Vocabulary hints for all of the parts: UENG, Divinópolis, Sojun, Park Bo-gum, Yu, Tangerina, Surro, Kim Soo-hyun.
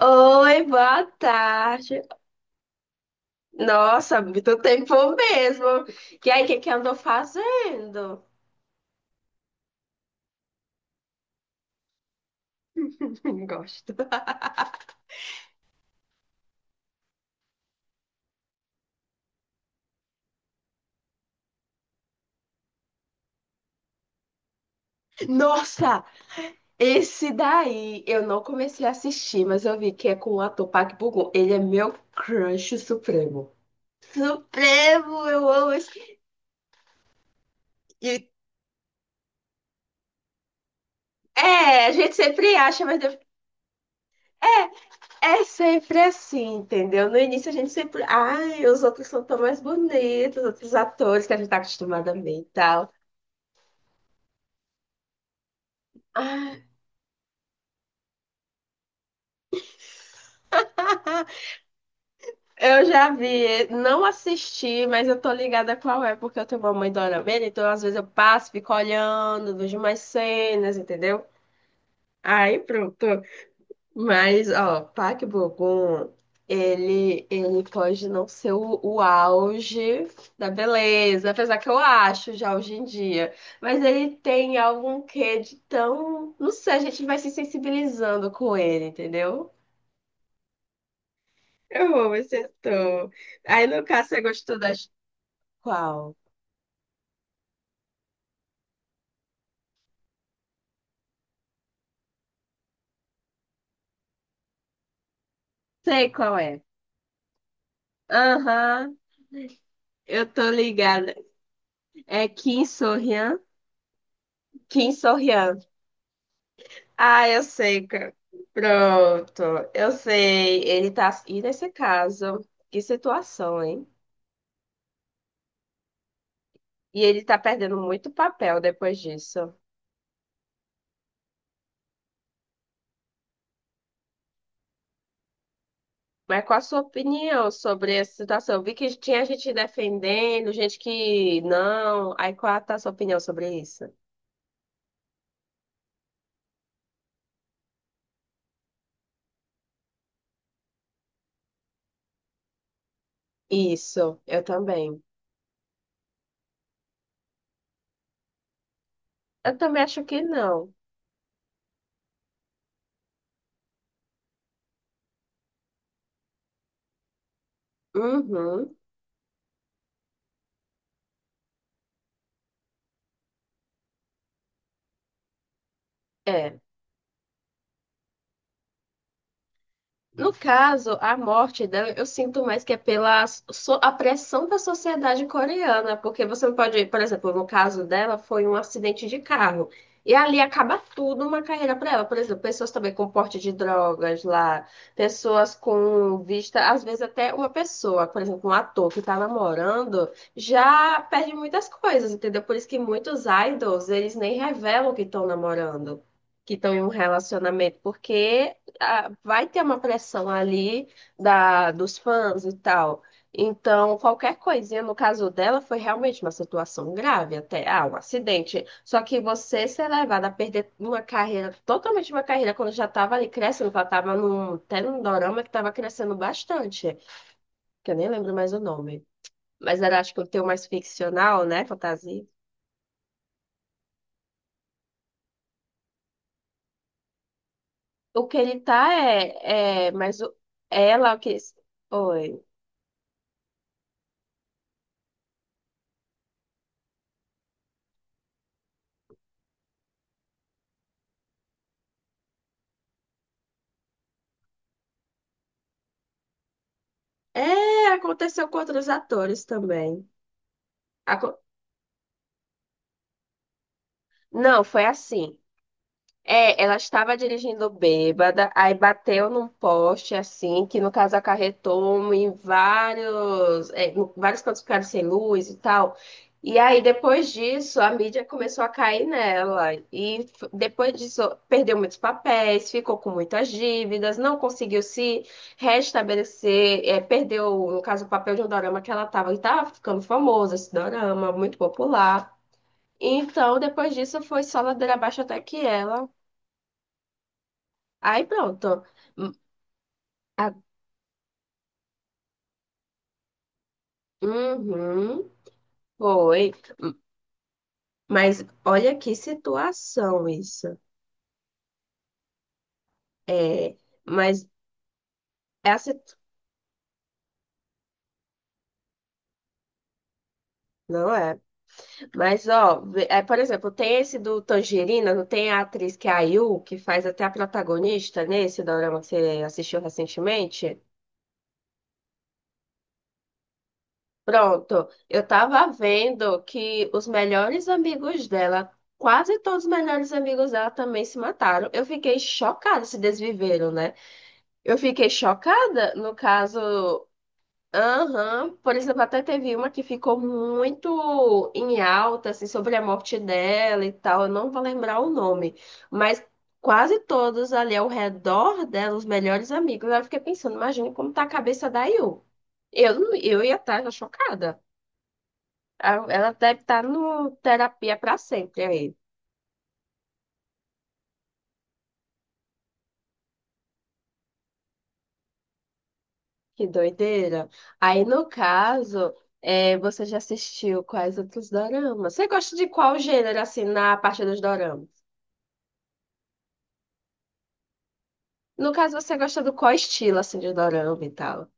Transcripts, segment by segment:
Oi, boa tarde. Nossa, muito tempo mesmo. E aí, o que que andou fazendo? Gosto. Nossa, esse daí eu não comecei a assistir, mas eu vi que é com o ator Park Bo-gum. Ele é meu crush supremo. Supremo, eu amo esse. E, a gente sempre acha, mas é sempre assim, entendeu? No início a gente sempre. Ai, os outros são tão mais bonitos, os outros atores que a gente tá acostumada a ver e tal. Ah, eu já vi, não assisti, mas eu tô ligada qual é, porque eu tenho uma mãe dorameira, então às vezes eu passo, fico olhando, vejo umas cenas, entendeu? Aí pronto. Mas, ó, Park Bo-gum, ele pode não ser o auge da beleza, apesar que eu acho já hoje em dia, mas ele tem algum quê de tão, não sei, a gente vai se sensibilizando com ele, entendeu? Eu amo esse ator. Aí, no caso, você gostou da. Qual? Sei qual é. Aham, eu tô ligada. É Kim Soo-hyun? Kim Soo-hyun. Ah, eu sei, cara. Pronto, eu sei. Ele tá. E nesse caso, que situação, hein? E ele tá perdendo muito papel depois disso. Mas qual a sua opinião sobre essa situação? Eu vi que tinha gente defendendo, gente que não. Aí qual tá a sua opinião sobre isso? Isso, eu também. Eu também acho que não. Uhum. É. No caso, a morte dela, eu sinto mais que é a pressão da sociedade coreana, porque você não pode, por exemplo, no caso dela, foi um acidente de carro. E ali acaba tudo uma carreira para ela. Por exemplo, pessoas também com porte de drogas lá, pessoas com vista, às vezes até uma pessoa, por exemplo, um ator que está namorando, já perde muitas coisas, entendeu? Por isso que muitos idols, eles nem revelam que estão namorando, que estão em um relacionamento, porque ah, vai ter uma pressão ali da, dos fãs e tal. Então, qualquer coisinha, no caso dela, foi realmente uma situação grave, até ah, um acidente. Só que você ser levada a perder uma carreira, totalmente uma carreira, quando já estava ali crescendo, que ela estava num, até num dorama que estava crescendo bastante, que eu nem lembro mais o nome. Mas era, acho que o teu mais ficcional, né? Fantasia. O que ele tá é mas o, ela, o que. Oi. É, aconteceu com outros atores também. Aco- Não, foi assim. É, ela estava dirigindo bêbada, aí bateu num poste assim, que no caso acarretou em vários cantos ficaram sem luz e tal. E aí depois disso, a mídia começou a cair nela e depois disso perdeu muitos papéis, ficou com muitas dívidas, não conseguiu se restabelecer, é, perdeu, no caso, o papel de um dorama que ela estava, e estava ficando famosa esse dorama, muito popular. Então, depois disso, foi só ladeira abaixo até que ela. Aí pronto. Hum. a- Uhum, foi. Hum, Mas olha que situação isso. É, mas essa não é. Mas ó, por exemplo, tem esse do Tangerina, não tem a atriz que é a Yu, que faz até a protagonista nesse dorama que você assistiu recentemente? Pronto, eu tava vendo que os melhores amigos dela, quase todos os melhores amigos dela também se mataram. Eu fiquei chocada, se desviveram, né? Eu fiquei chocada, no caso, aham, por exemplo, até teve uma que ficou muito em alta, assim, sobre a morte dela e tal, eu não vou lembrar o nome, mas quase todos ali ao redor dela, os melhores amigos, eu fiquei pensando, imagina como tá a cabeça da Yu. Eu, não- eu ia estar chocada. Ela deve estar no terapia pra sempre aí. Que doideira. Aí, no caso, você já assistiu quais outros doramas? Você gosta de qual gênero, assim, na parte dos doramas? No caso, você gosta do qual estilo, assim, de dorama e tal?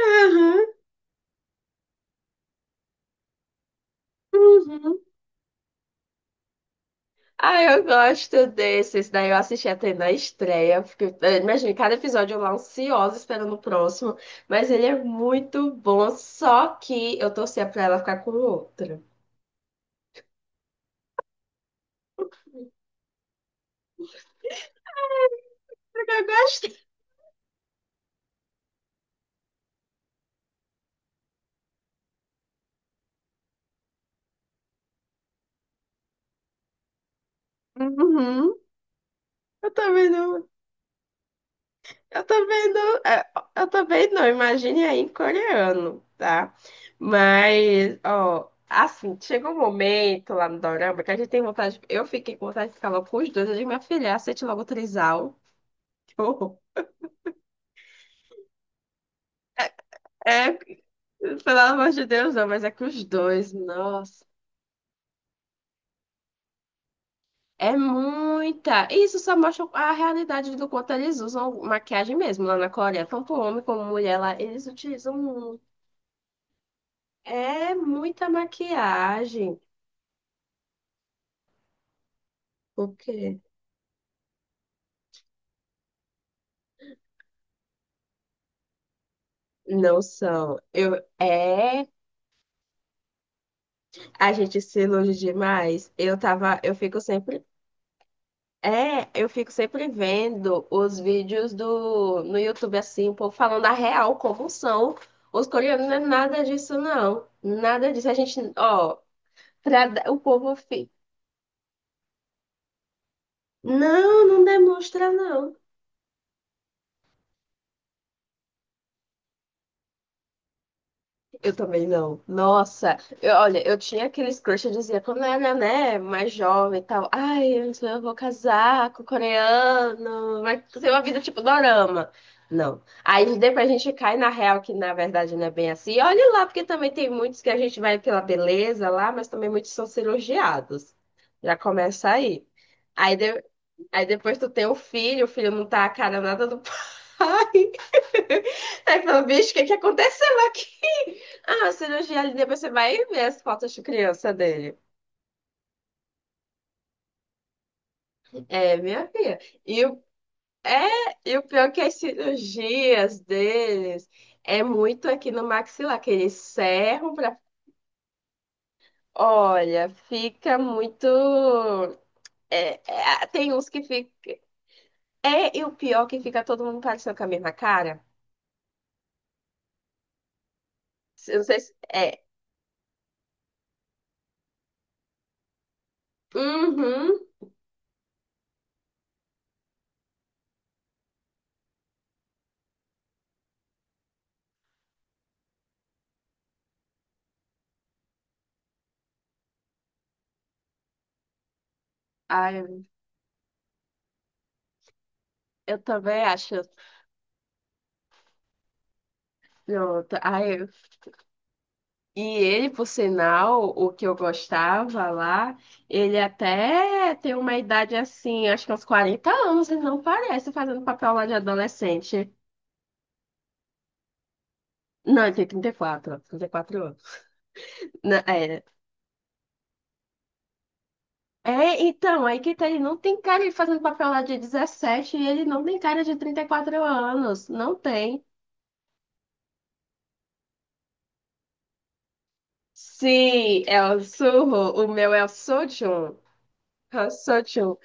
Aham, uhum. Ah, eu gosto desses. Daí eu assisti até na estreia. Fiquei. Imagina, cada episódio eu lá ansiosa esperando o próximo. Mas ele é muito bom. Só que eu torcia pra ela ficar com outra. Porque eu gosto. Uhum. Eu também não. Eu também não, imagine aí em coreano, tá? Mas, ó, assim, chegou um momento lá no dorama que a gente tem vontade, eu fiquei com vontade de ficar logo com os dois, eu digo, minha filha, aceite logo o trisal. Que horror. É, pelo amor de Deus, não, mas é que os dois, nossa, é muita. E isso só mostra a realidade do quanto eles usam maquiagem mesmo lá na Coreia, tanto homem como mulher lá, eles utilizam muito. É muita maquiagem. Porque não são. A gente se ilude demais. Eu fico sempre vendo os vídeos do no YouTube assim, o povo falando a real como são. Os coreanos não é nada disso não. Nada disso. A gente, ó, o povo fica. Não, não demonstra não. Eu também não. Nossa, olha, eu tinha aqueles crush, eu dizia, quando eu era, né, mais jovem e tal, ai, antes eu vou casar com o coreano, vai ser uma vida tipo dorama. Não. Aí depois a gente cai na real, que na verdade não é bem assim. E olha lá, porque também tem muitos que a gente vai pela beleza lá, mas também muitos são cirurgiados. Já começa aí. Aí de- Aí depois tu tem o filho não tá a cara nada do pai. Aí fala, bicho, o que que aconteceu aqui? Ah, a cirurgia ali, depois você vai ver as fotos de criança dele. É, minha filha. E o, e o pior é que as cirurgias deles é muito aqui no maxilar, que eles serram pra. Olha, fica muito. É, é, tem uns que ficam. É, e o pior é que fica todo mundo parecendo com a mesma cara. Eu não sei se. É. Uhum. Ai, eu também acho. Pronto. Ai, e ele, por sinal, o que eu gostava lá, ele até tem uma idade assim, acho que uns 40 anos, ele não parece fazendo papel lá de adolescente. Não, ele tem 34, quatro 34 anos. É, é, então, aí que tá, ele não tem cara de fazendo papel lá de 17 e ele não tem cara de 34 anos. Não tem. Sim, é o Surro. O meu é o Sojun. É o Sojun.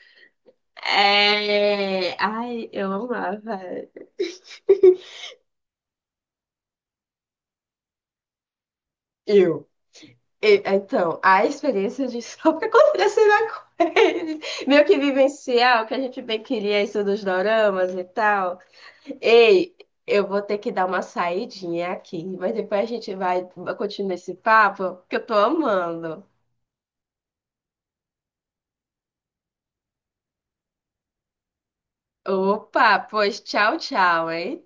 É. Ai, eu amava. Eu. Então, a experiência de só o que acontece na coisa. Meio que vivenciar o que a gente bem queria, isso dos doramas e tal. Ei, eu vou ter que dar uma saidinha aqui, mas depois a gente vai continuar esse papo, que eu tô amando. Opa, pois tchau, tchau, hein?